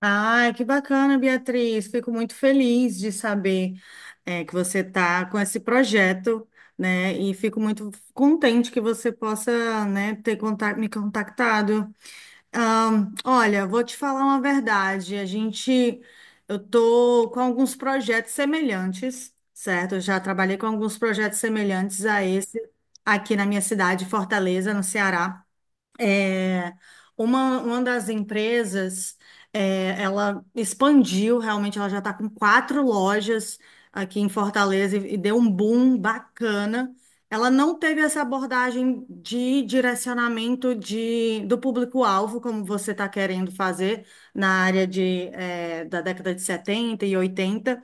Ai, que bacana, Beatriz. Fico muito feliz de saber que você está com esse projeto, né? E fico muito contente que você possa, né, ter contato, me contactado. Olha, vou te falar uma verdade. Eu tô com alguns projetos semelhantes, certo? Eu já trabalhei com alguns projetos semelhantes a esse aqui na minha cidade, Fortaleza, no Ceará. É, uma das empresas, ela expandiu realmente, ela já está com quatro lojas aqui em Fortaleza e deu um boom bacana. Ela não teve essa abordagem de direcionamento do público-alvo, como você está querendo fazer na área da década de 70 e oitenta,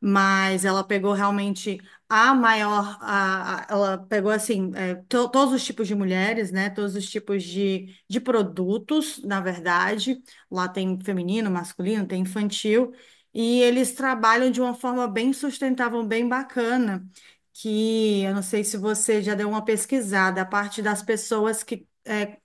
mas ela pegou realmente a maior, a- ela pegou assim, todos os tipos de mulheres, né? Todos os tipos de produtos, na verdade. Lá tem feminino, masculino, tem infantil, e eles trabalham de uma forma bem sustentável, bem bacana. Que eu não sei se você já deu uma pesquisada, a parte das pessoas que. é,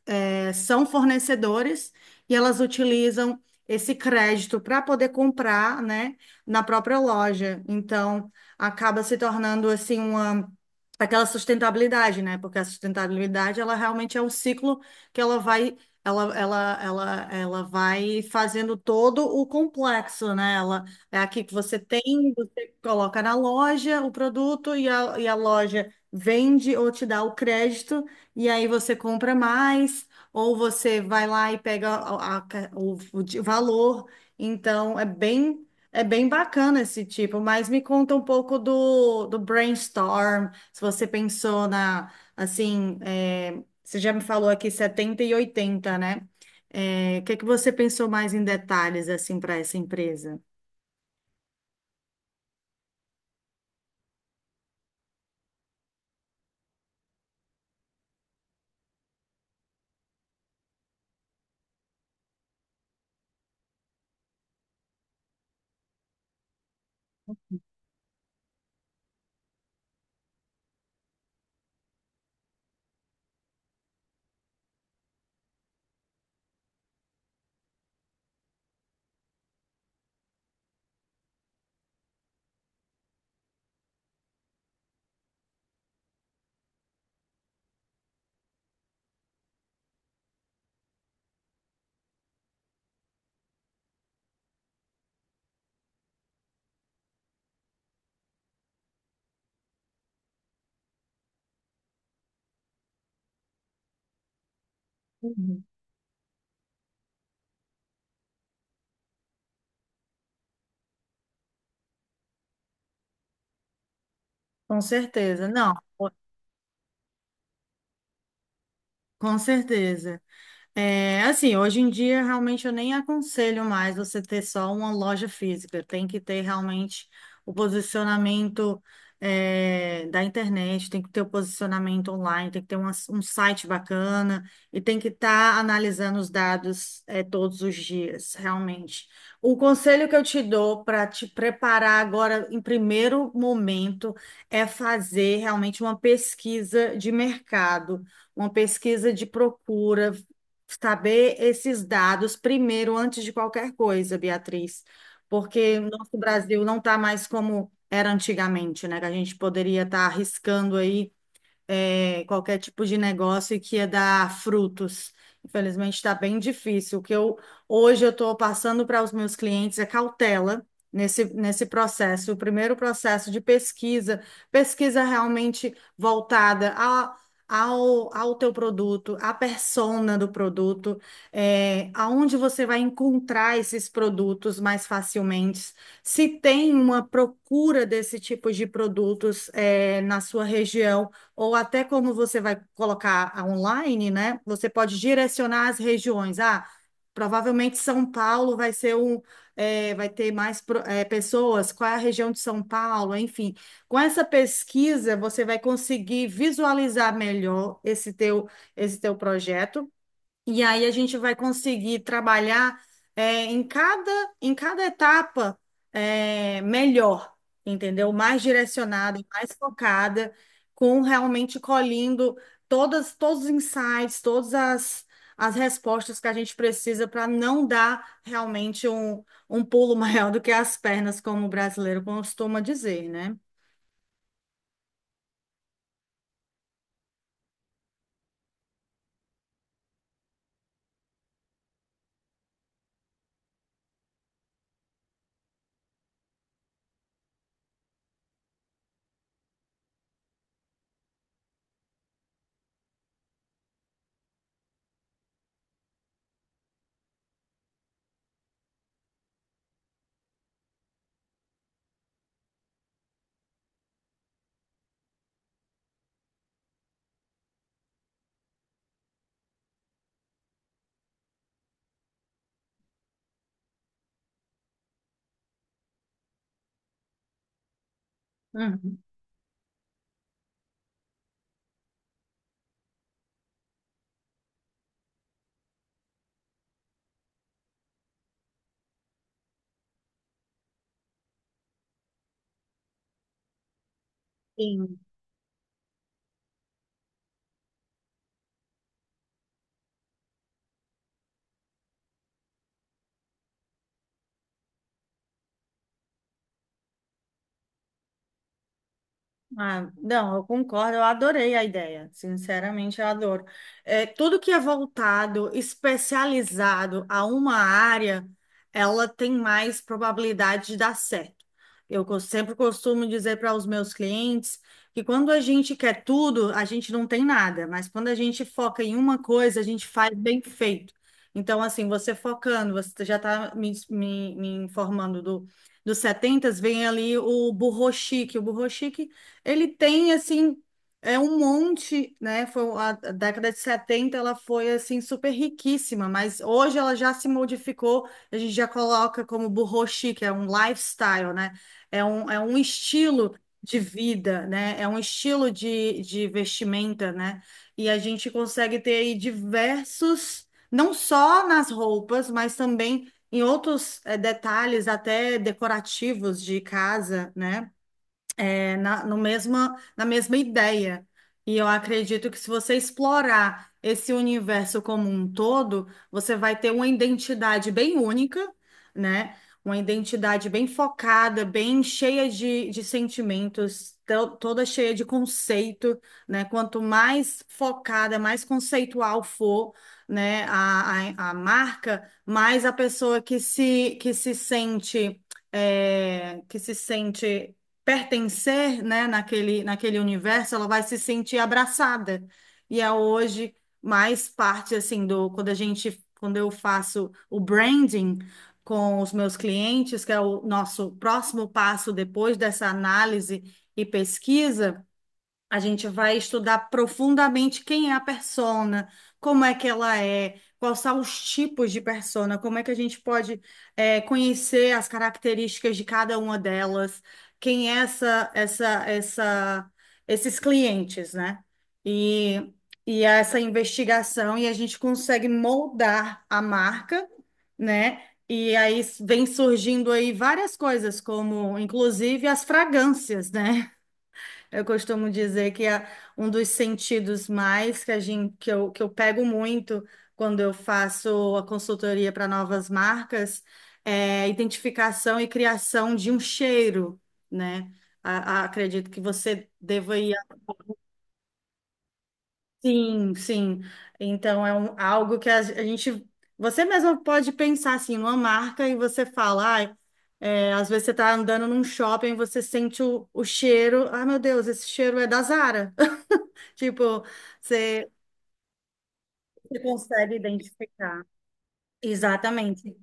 eh, são fornecedores e elas utilizam esse crédito para poder comprar, né, na própria loja. Então, acaba se tornando assim uma aquela sustentabilidade, né? Porque a sustentabilidade ela realmente é um ciclo que ela vai Ela, ela, ela, ela vai fazendo todo o complexo, né? Ela é aqui que você tem, você coloca na loja o produto e a loja vende ou te dá o crédito, e aí você compra mais, ou você vai lá e pega o de valor. Então, é bem bacana esse tipo. Mas me conta um pouco do brainstorm. Se você pensou assim, você já me falou aqui 70 e oitenta, né? O que que você pensou mais em detalhes, assim, para essa empresa? Uhum. Com certeza. Não, com certeza. Assim, hoje em dia realmente eu nem aconselho mais você ter só uma loja física. Tem que ter realmente o posicionamento da internet, tem que ter o posicionamento online, tem que ter um site bacana e tem que estar analisando os dados todos os dias, realmente. O conselho que eu te dou para te preparar agora em primeiro momento é fazer realmente uma pesquisa de mercado, uma pesquisa de procura, saber esses dados primeiro, antes de qualquer coisa, Beatriz, porque o nosso Brasil não está mais como era antigamente, né? Que a gente poderia estar arriscando aí qualquer tipo de negócio que ia dar frutos. Infelizmente, está bem difícil. O que eu hoje eu estou passando para os meus clientes é cautela nesse processo. O primeiro processo de pesquisa realmente voltada ao teu produto, à persona do produto, aonde você vai encontrar esses produtos mais facilmente, se tem uma procura desse tipo de produtos, na sua região, ou até como você vai colocar online, né? Você pode direcionar as regiões. Ah, provavelmente São Paulo vai ser vai ter mais pessoas. Qual é a região de São Paulo? Enfim, com essa pesquisa você vai conseguir visualizar melhor esse teu projeto. E aí a gente vai conseguir trabalhar é, em cada, em cada etapa melhor, entendeu? Mais direcionada, mais focada, com realmente colhendo todos os insights, todas as respostas que a gente precisa para não dar realmente um pulo maior do que as pernas, como o brasileiro costuma dizer, né? Uhum. Sim. Ah, não, eu concordo, eu adorei a ideia, sinceramente eu adoro. Tudo que é voltado, especializado a uma área, ela tem mais probabilidade de dar certo. Sempre costumo dizer para os meus clientes que quando a gente quer tudo, a gente não tem nada, mas quando a gente foca em uma coisa, a gente faz bem feito. Então, assim, você focando, você já está me informando do dos 70, vem ali o burro chique. O burro ele tem, assim, é um monte, né? Foi a década de setenta. Ela foi, assim, super riquíssima, mas hoje ela já se modificou, a gente já coloca como burro chic, é um lifestyle, né? É um estilo de vida, né? É um estilo de vestimenta, né? E a gente consegue ter aí diversos, não só nas roupas, mas também em outros, detalhes até decorativos de casa, né? é, na, no mesma, na mesma ideia. E eu acredito que se você explorar esse universo como um todo, você vai ter uma identidade bem única, né? Uma identidade bem focada, bem cheia de sentimentos, toda cheia de conceito, né? Quanto mais focada, mais conceitual for, né, a marca, mais a pessoa que se sente pertencer, né, naquele universo, ela vai se sentir abraçada. E é hoje mais parte assim do quando eu faço o branding com os meus clientes, que é o nosso próximo passo depois dessa análise e pesquisa. A gente vai estudar profundamente quem é a persona, como é que ela é, quais são os tipos de persona, como é que a gente pode conhecer as características de cada uma delas, quem é esses clientes, né? E, e essa investigação, e a gente consegue moldar a marca, né? E aí vem surgindo aí várias coisas, como inclusive as fragrâncias, né? Eu costumo dizer que é um dos sentidos mais que a gente, que eu pego muito quando eu faço a consultoria para novas marcas é a identificação e criação de um cheiro, né? A acredito que você deva ir assim, sim. Então é algo que a gente, você mesmo pode pensar assim, numa marca, e você fala, "Ai, às vezes você está andando num shopping, você sente o cheiro, ah, meu Deus, esse cheiro é da Zara." Tipo, você, você consegue identificar. Exatamente.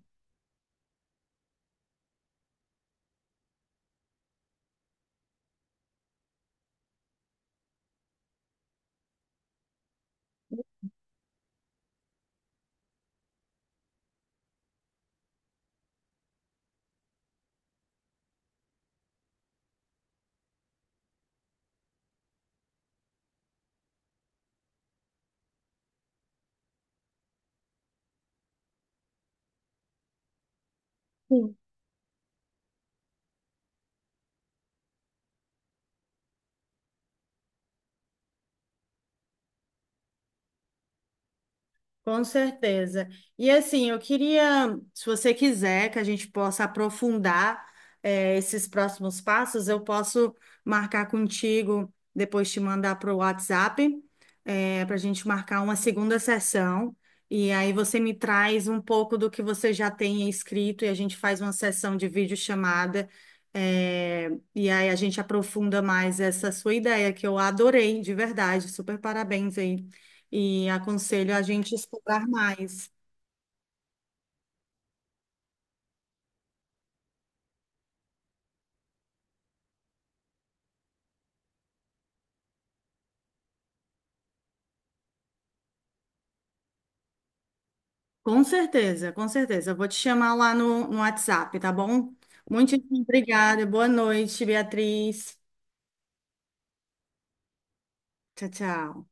Sim. Com certeza. E assim, eu queria, se você quiser, que a gente possa aprofundar, esses próximos passos. Eu posso marcar contigo, depois te mandar para o WhatsApp, para a gente marcar uma segunda sessão. E aí você me traz um pouco do que você já tem escrito e a gente faz uma sessão de videochamada. eh, e aí a gente aprofunda mais essa sua ideia, que eu adorei, de verdade. Super parabéns aí, e aconselho a gente explorar mais. Com certeza, com certeza. Eu vou te chamar lá no WhatsApp, tá bom? Muito obrigada. Boa noite, Beatriz. Tchau, tchau.